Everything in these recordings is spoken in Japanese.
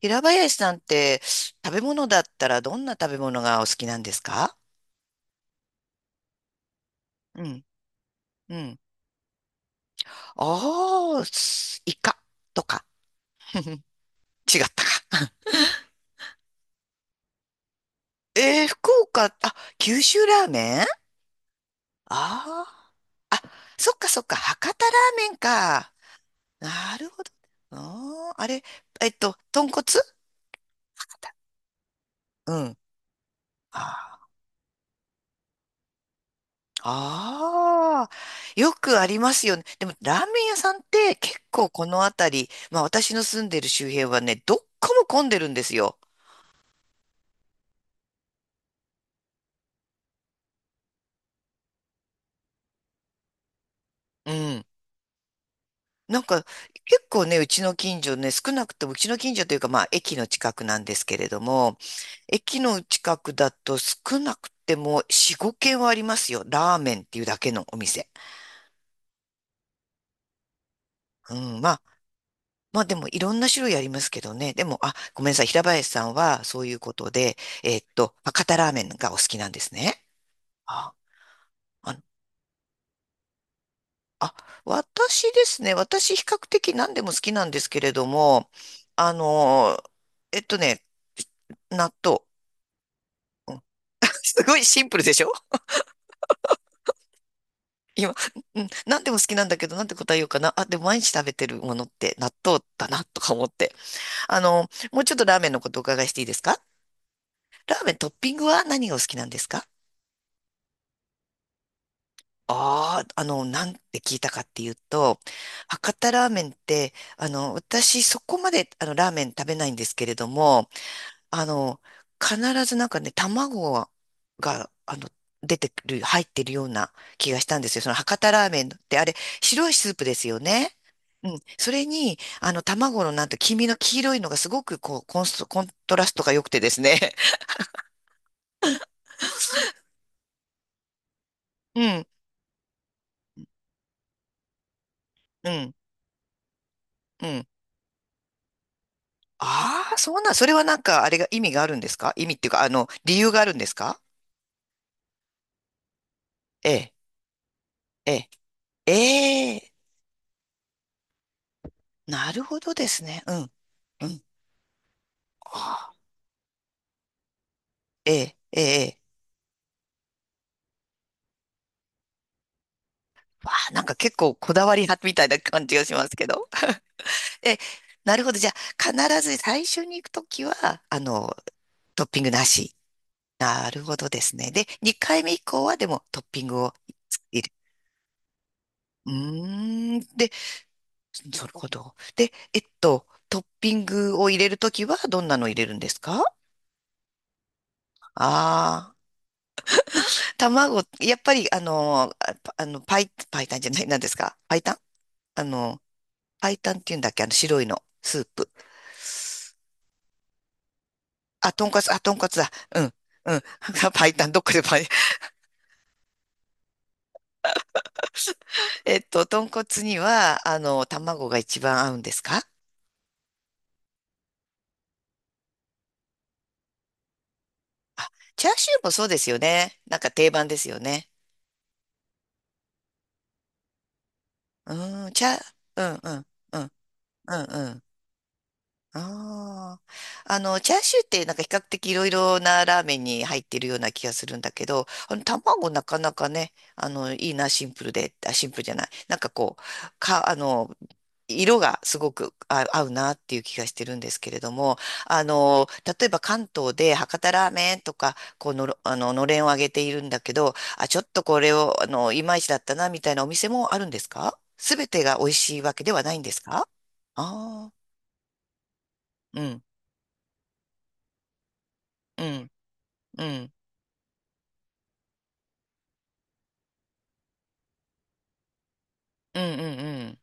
平林さんって食べ物だったらどんな食べ物がお好きなんですか？うん、うん。ああ、すイカとか。違ったか。福岡、九州ラーメン。あー、あ、そっかそっか、博多ラーメンか。なるほど。あーあれ、豚骨、博多。うん。あああ、よくありますよね。でも、ラーメン屋さんって結構この辺り、まあ私の住んでる周辺はね、どっこも混んでるんですよ。うん。なんか、結構ね、うちの近所ね、少なくともうちの近所というか、まあ駅の近くなんですけれども、駅の近くだと少なくても4、5軒はありますよ。ラーメンっていうだけのお店。うん、まあ、まあでもいろんな種類ありますけどね。でも、ごめんなさい。平林さんはそういうことで、博多ラーメンがお好きなんですね。あ、あの、あ、私ですね。私比較的何でも好きなんですけれども、あのー、えっとね、納豆。うん。すごいシンプルでしょ？今、うん、何でも好きなんだけど、なんて答えようかな。あ、でも毎日食べてるものって納豆だな、とか思って。もうちょっとラーメンのことお伺いしていいですか？ラーメントッピングは何がお好きなんですか？ああ、なんて聞いたかっていうと、博多ラーメンって、私そこまであのラーメン食べないんですけれども、あの、必ずなんかね、卵が、出てくる、入ってるような気がしたんですよ。その博多ラーメンって、あれ、白いスープですよね。うん。それに、卵のなんて、黄身の黄色いのがすごくこう、コントラストが良くてですね。うん、うん、うん。ああ、そうなん、それはなんか、あれが意味があるんですか？意味っていうか、理由があるんですか？ええ、ええ、ええ、なるほどですね。うん、うん。ああ、ええ、ええ、ええ。わあ、なんか結構こだわり派みたいな感じがしますけど。え、なるほど。じゃあ、必ず最初に行くときは、トッピングなし。なるほどですね。で、2回目以降はでもトッピングを入れる。うーん。で、なるほど。で、トッピングを入れるときはどんなの入れるんですか？ああー。卵、やっぱり、あの、あパあの、パイ、パイタンじゃない、なんですか、パイタン？あの、パイタンって言うんだっけ？あの、白いの、スープ。あ、豚骨だ。うん、うん。パイタン、どっかでパイ。豚骨には、卵が一番合うんですか？チャーシューもそうですよね。なんか定番ですよね。うーん、チャー、うん、うん、うん、うん、うん。ああ。チャーシューってなんか比較的いろいろなラーメンに入ってるような気がするんだけど、卵なかなかね、いいな、シンプルで、シンプルじゃない。なんかこう、か、あの、色がすごく合うなっていう気がしてるんですけれども、あの、例えば関東で博多ラーメンとか、のれんをあげているんだけど、ちょっとこれを、いまいちだったな、みたいなお店もあるんですか？すべてが美味しいわけではないんですか？ああー、うん、うん。うん。うん、うん、うん。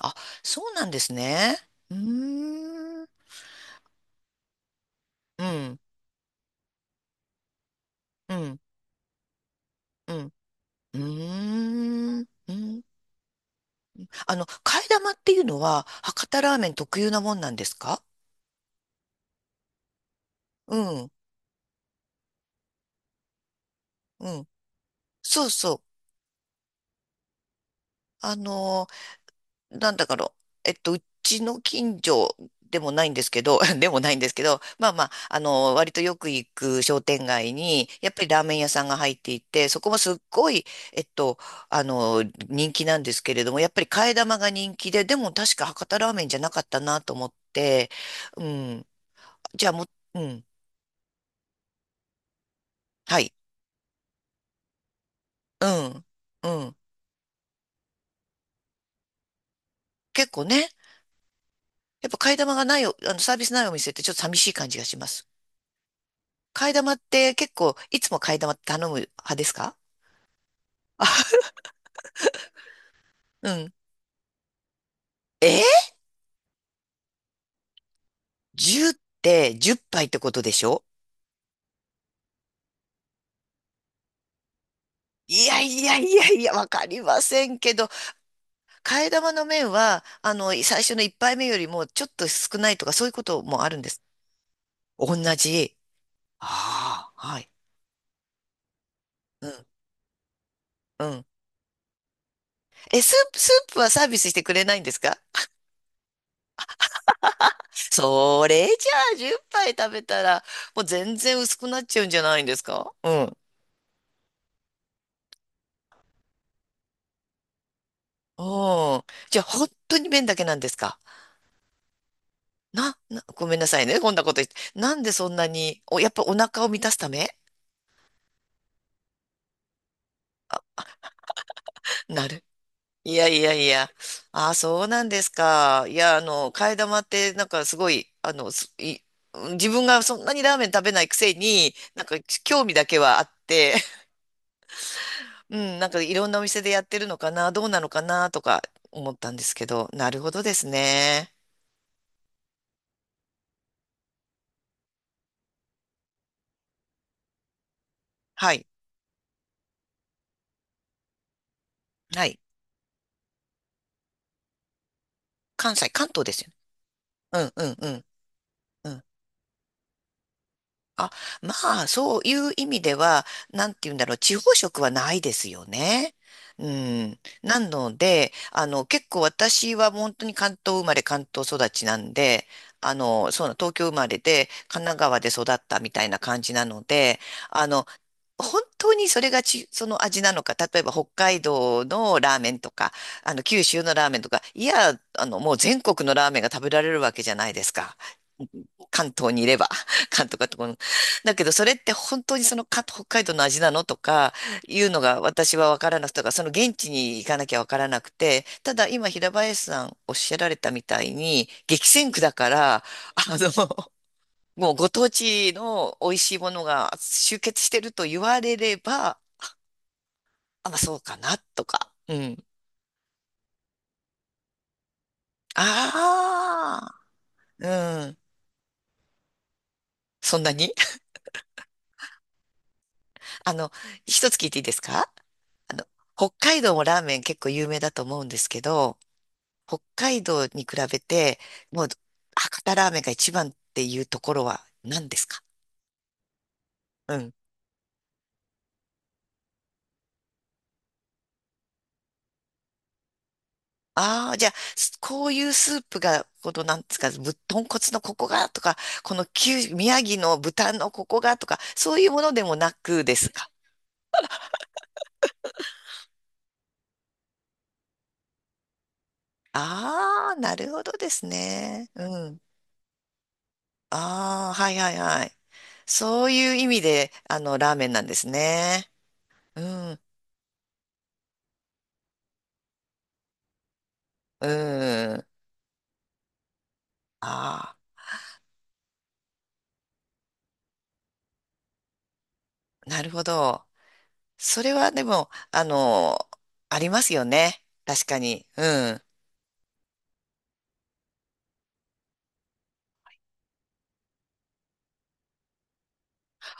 あ、そうなんですね。うーん。うん。うん。うん。うーん。うん。替え玉っていうのは、博多ラーメン特有なもんなんですか？うん。うん。そうそう。あのーなんだかろう、えっと、うちの近所でもないんですけど、でもないんですけど、まあまあ、割とよく行く商店街に、やっぱりラーメン屋さんが入っていて、そこもすっごい、えっと、あの、人気なんですけれども、やっぱり替え玉が人気で、でも確か博多ラーメンじゃなかったなと思って、うん、じゃあもう、うん、はい、うん、うん、結構ね、やっぱ替え玉がないお、あの、サービスないお店ってちょっと寂しい感じがします。替え玉って結構、いつも替え玉頼む派ですか？あ、うん。え?10 って10杯っぱいってことでしょ？いやいやいやいや、わかりませんけど、替え玉の麺は、最初の1杯目よりもちょっと少ないとか、そういうこともあるんです。同じ。ああ、はい。うん、うん。え、スープ、スープはサービスしてくれないんですか？それじゃあ、10杯食べたら、もう全然薄くなっちゃうんじゃないんですか？うん。おー。じゃあ、本当に麺だけなんですか？ごめんなさいね。こんなこと言って。なんでそんなに、やっぱお腹を満たすため？なる。いやいやいや。ああ、そうなんですか。いや、替え玉って、なんかすごい、自分がそんなにラーメン食べないくせに、なんか興味だけはあって、うん、なんかいろんなお店でやってるのかな、どうなのかな、とか思ったんですけど、なるほどですね。はい、はい。関西、関東ですよね。うん、うん、うん。うん。あ、まあ、そういう意味では、なんて言うんだろう、地方食はないですよね。うん。なので、結構私は本当に関東生まれ、関東育ちなんで、あの、そうな、東京生まれで、神奈川で育ったみたいな感じなので、あの、本当にそれがち、その味なのか、例えば北海道のラーメンとか、九州のラーメンとか、いや、もう全国のラーメンが食べられるわけじゃないですか。関東にいれば、関東かとこの。だけど、それって本当にその北海道の味なのとか、いうのが私はわからなくて、とかその現地に行かなきゃわからなくて、ただ今平林さんおっしゃられたみたいに、激戦区だから、あの、もうご当地の美味しいものが集結してると言われれば、あ、まあそうかな、とか。うん。ああ、うん。そんなに。 あの、一つ聞いていいですか？あの、北海道もラーメン結構有名だと思うんですけど、北海道に比べて、もう、博多ラーメンが一番っていうところは何ですか？うん。ああ、じゃあ、こういうスープが、この、なんですか、豚骨のここがとか、この九、宮城の豚のここがとか、そういうものでもなくですか。ああ、なるほどですね。うん。ああ、はいはいはい。そういう意味で、ラーメンなんですね。うん、うん。ああ、なるほど。それはでも、ありますよね。確かに。うん。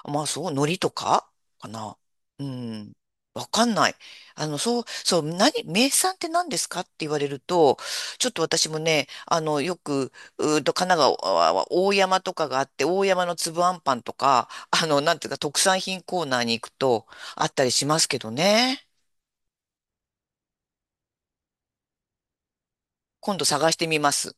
まあそう、海苔とかかな。うん。わかんない。そう、そう、名産って何ですかって言われると、ちょっと私もね、うーと、神奈川は大山とかがあって、大山の粒あんパンとか、なんていうか、特産品コーナーに行くと、あったりしますけどね。今度探してみます。